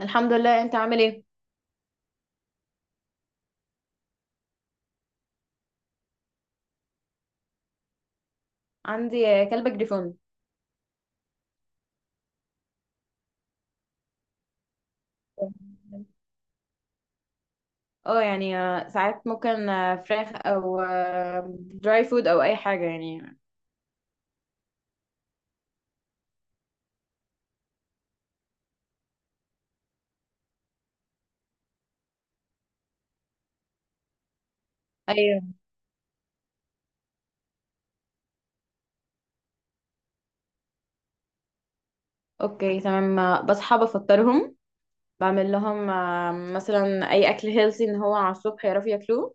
الحمد لله. انت عامل ايه؟ عندي كلب جريفون. ساعات ممكن فراخ او دراي فود او اي حاجه يعني. ايوه. اوكي تمام. بصحى بفطرهم، بعمل لهم مثلا اي اكل هيلثي ان هو على الصبح يعرفوا ياكلوه.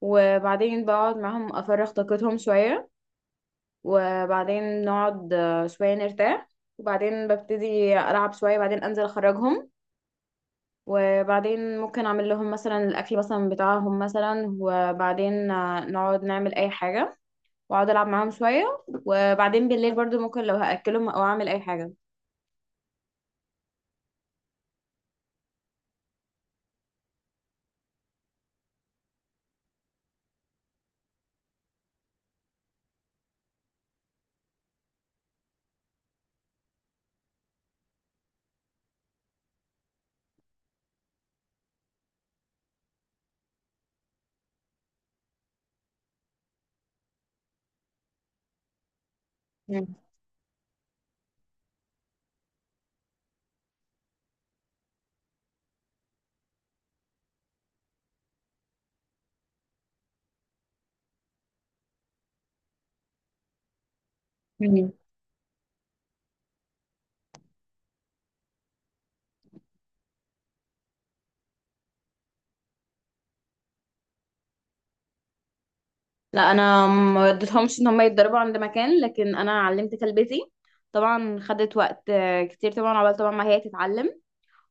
وبعدين بقعد معاهم افرغ طاقتهم شويه، وبعدين نقعد شويه نرتاح، وبعدين ببتدي العب شويه، بعدين انزل اخرجهم. وبعدين ممكن اعمل لهم مثلا الاكل مثلا بتاعهم مثلا، وبعدين نقعد نعمل اي حاجه، واقعد العب معاهم شويه. وبعدين بالليل برضو ممكن لو هاكلهم او اعمل اي حاجه. مم. مم. لا، انا ما اديتهمش ان هم يتدربوا عند مكان، لكن انا علمت كلبتي. طبعا خدت وقت كتير طبعا عقبال طبعا ما هي تتعلم،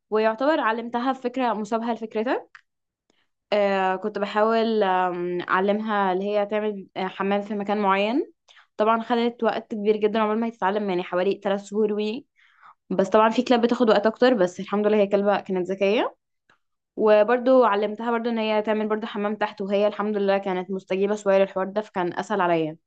ويعتبر علمتها فكره مشابهه لفكرتك. آه، كنت بحاول أعلمها اللي هي تعمل حمام في مكان معين. طبعا خدت وقت كبير جدا عقبال ما هي تتعلم، يعني حوالي 3 شهور بس طبعا في كلاب بتاخد وقت أكتر، بس الحمد لله هي كلبة كانت ذكية. وبرضو علمتها برضو إن هي تعمل برضو حمام تحت، وهي الحمد لله كانت مستجيبة شوية للحوار ده، فكان أسهل عليا.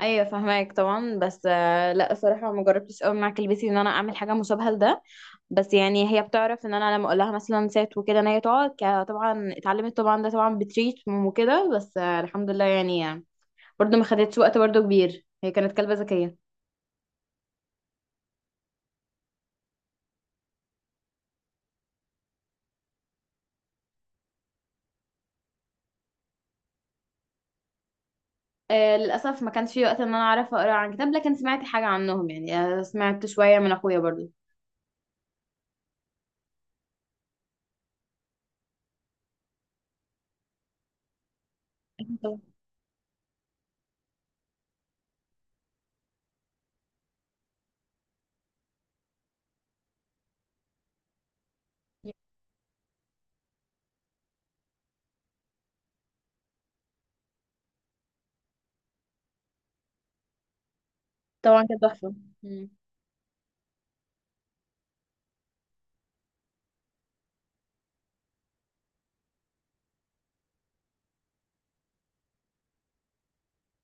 ايوه فهماك طبعا. بس لا، الصراحه ما جربتش قوي مع كلبتي ان انا اعمل حاجه مشابهه لده. بس يعني هي بتعرف ان انا لما اقول لها مثلا سات وكده ان هي تقعد. طبعا اتعلمت طبعا ده، طبعا بتريت وكده، بس الحمد لله يعني. برضو ما خدتش وقت برضو كبير، هي كانت كلبه ذكيه. للاسف ما كانش في وقت ان انا اعرف اقرا عن كتاب، لكن سمعت حاجه عنهم يعني. سمعت شويه من اخويا برضو. أكيد طبعا. طبعاً كانت تحفه. مم.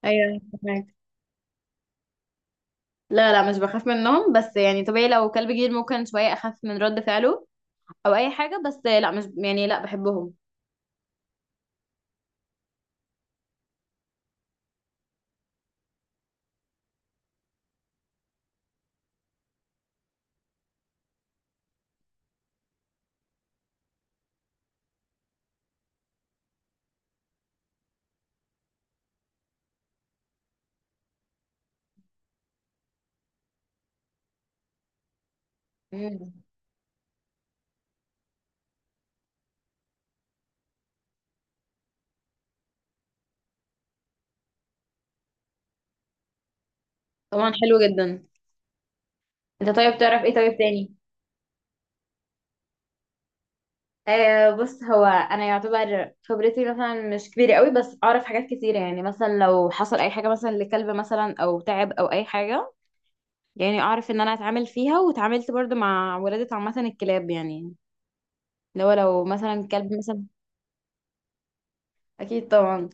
ايوه فهماك. لا، لا مش بخاف منهم، بس يعني طبيعي لو كلب جديد ممكن شوية أخاف من رد فعله أو أي حاجة. بس لا، مش يعني، لا بحبهم. مم. طبعا حلو جدا. انت طيب تعرف ايه طيب تاني؟ بص هو انا يعتبر خبرتي مثلا مش كبيره قوي، بس اعرف حاجات كتيره. يعني مثلا لو حصل اي حاجه مثلا لكلب مثلا او تعب او اي حاجه، يعني اعرف ان انا اتعامل فيها، واتعاملت برضو مع ولاده عامه الكلاب يعني لو مثلا كلب مثلا. اكيد طبعا.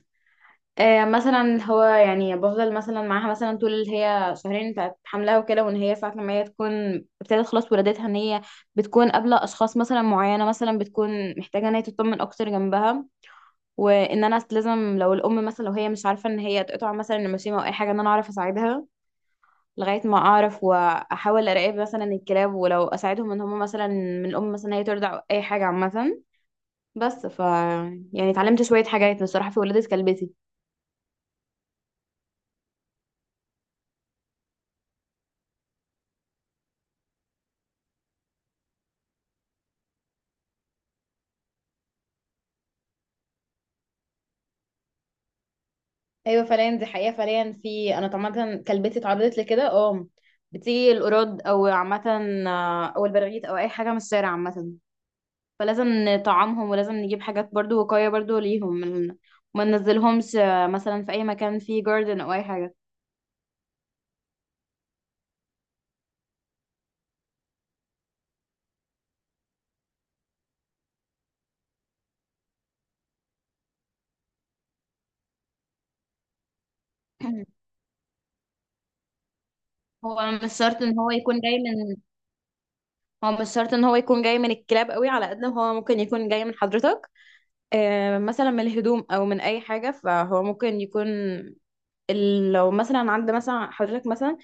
مثلا هو يعني بفضل مثلا معاها مثلا طول اللي هي 2 شهور بتاعت حملها وكده، وان هي ساعة لما هي تكون ابتدت خلاص ولادتها ان هي بتكون قابلة اشخاص مثلا معينة، مثلا بتكون محتاجة ان هي تطمن اكتر جنبها. وان انا لازم لو الام مثلا لو هي مش عارفة ان هي تقطع مثلا النماسيمة او اي حاجة، ان انا اعرف اساعدها لغاية ما اعرف، واحاول اراقب مثلا الكلاب، ولو اساعدهم ان هم مثلا من الام مثلا هي ترضع أو اي حاجة عامة. بس ف، يعني اتعلمت شوية حاجات بصراحة في ولادة كلبتي. ايوه فعليا، دي حقيقه فعليا. في، انا طبعا كلبتي اتعرضت لكده. اه، بتيجي القراد او عامه، او البراغيث او اي حاجه من الشارع عامه. فلازم نطعمهم، ولازم نجيب حاجات برضو وقايه برضو ليهم، من- ما ننزلهمش مثلا في اي مكان فيه جاردن او اي حاجه. هو مش شرط ان هو يكون جاي من هو مش شرط ان هو يكون جاي من الكلاب قوي، على قد ما هو ممكن يكون جاي من حضرتك. مثلا من الهدوم او من اي حاجه. فهو ممكن يكون ال- لو مثلا عند مثلا حضرتك مثلا،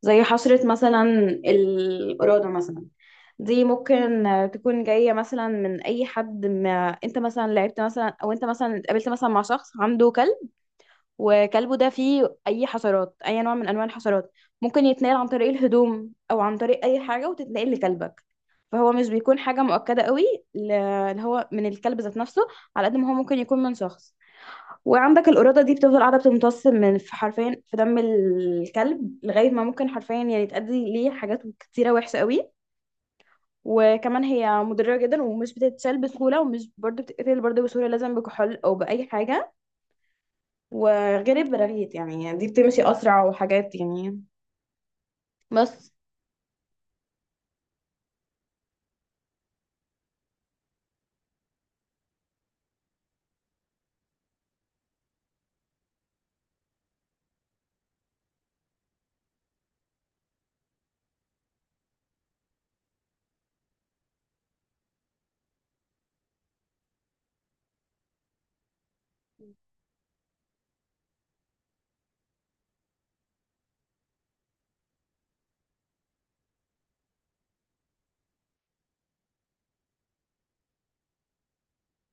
زي حصرة مثلا، الإرادة مثلا، دي ممكن تكون جاية مثلا من أي حد، ما أنت مثلا لعبت مثلا أو أنت مثلا اتقابلت مثلا مع شخص عنده كلب، وكلبه ده فيه أي حشرات، أي نوع من أنواع الحشرات ممكن يتنقل عن طريق الهدوم أو عن طريق أي حاجة، وتتنقل لكلبك. فهو مش بيكون حاجة مؤكدة قوي ل- اللي هو من الكلب ذات نفسه، على قد ما هو ممكن يكون من شخص. وعندك القرادة دي بتفضل قاعدة بتمتص من، في حرفيا في دم الكلب، لغاية ما ممكن حرفيا يعني تأدي ليه حاجات كتيرة وحشة قوي. وكمان هي مضرة جدا، ومش بتتشال بسهولة، ومش برضه بتتقتل برضه بسهولة، لازم بكحول أو بأي حاجة. وغير البراغيث يعني، يعني دي بتمشي أسرع وحاجات يعني. بس.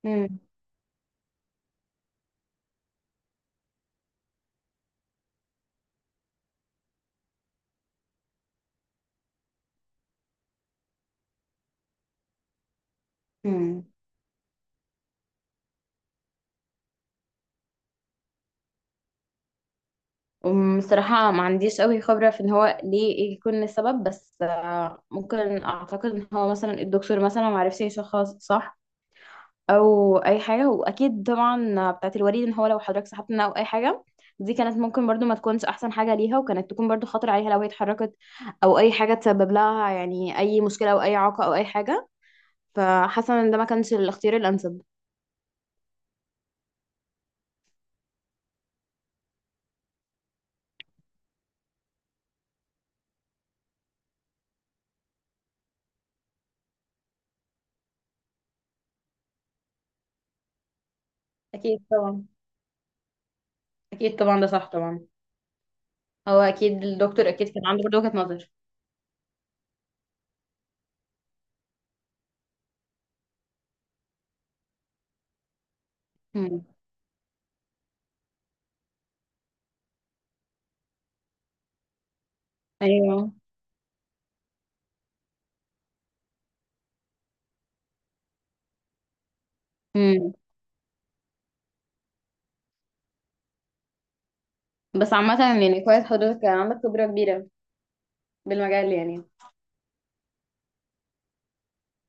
مم. مم. الصراحة ما عنديش قوي خبرة في ان هو ليه يكون السبب، بس ممكن اعتقد ان هو مثلا الدكتور مثلا ما عرفش يشخص صح او اي حاجه. واكيد طبعا بتاعت الوريد ان هو لو حضرتك سحبتنا او اي حاجه، دي كانت ممكن برضو ما تكونش احسن حاجه ليها، وكانت تكون برضو خطر عليها لو هي اتحركت او اي حاجه، تسبب لها يعني اي مشكله او اي اعاقه او اي حاجه. فحاسه ان ده ما كانش الاختيار الانسب. أكيد طبعا. أكيد طبعا، ده صح طبعا. هو أكيد الدكتور أكيد كان عنده برضه وجهة نظر. امم. أيوه. امم. بس عامة يعني كويس حضرتك كان عندك خبرة كبيرة بالمجال يعني.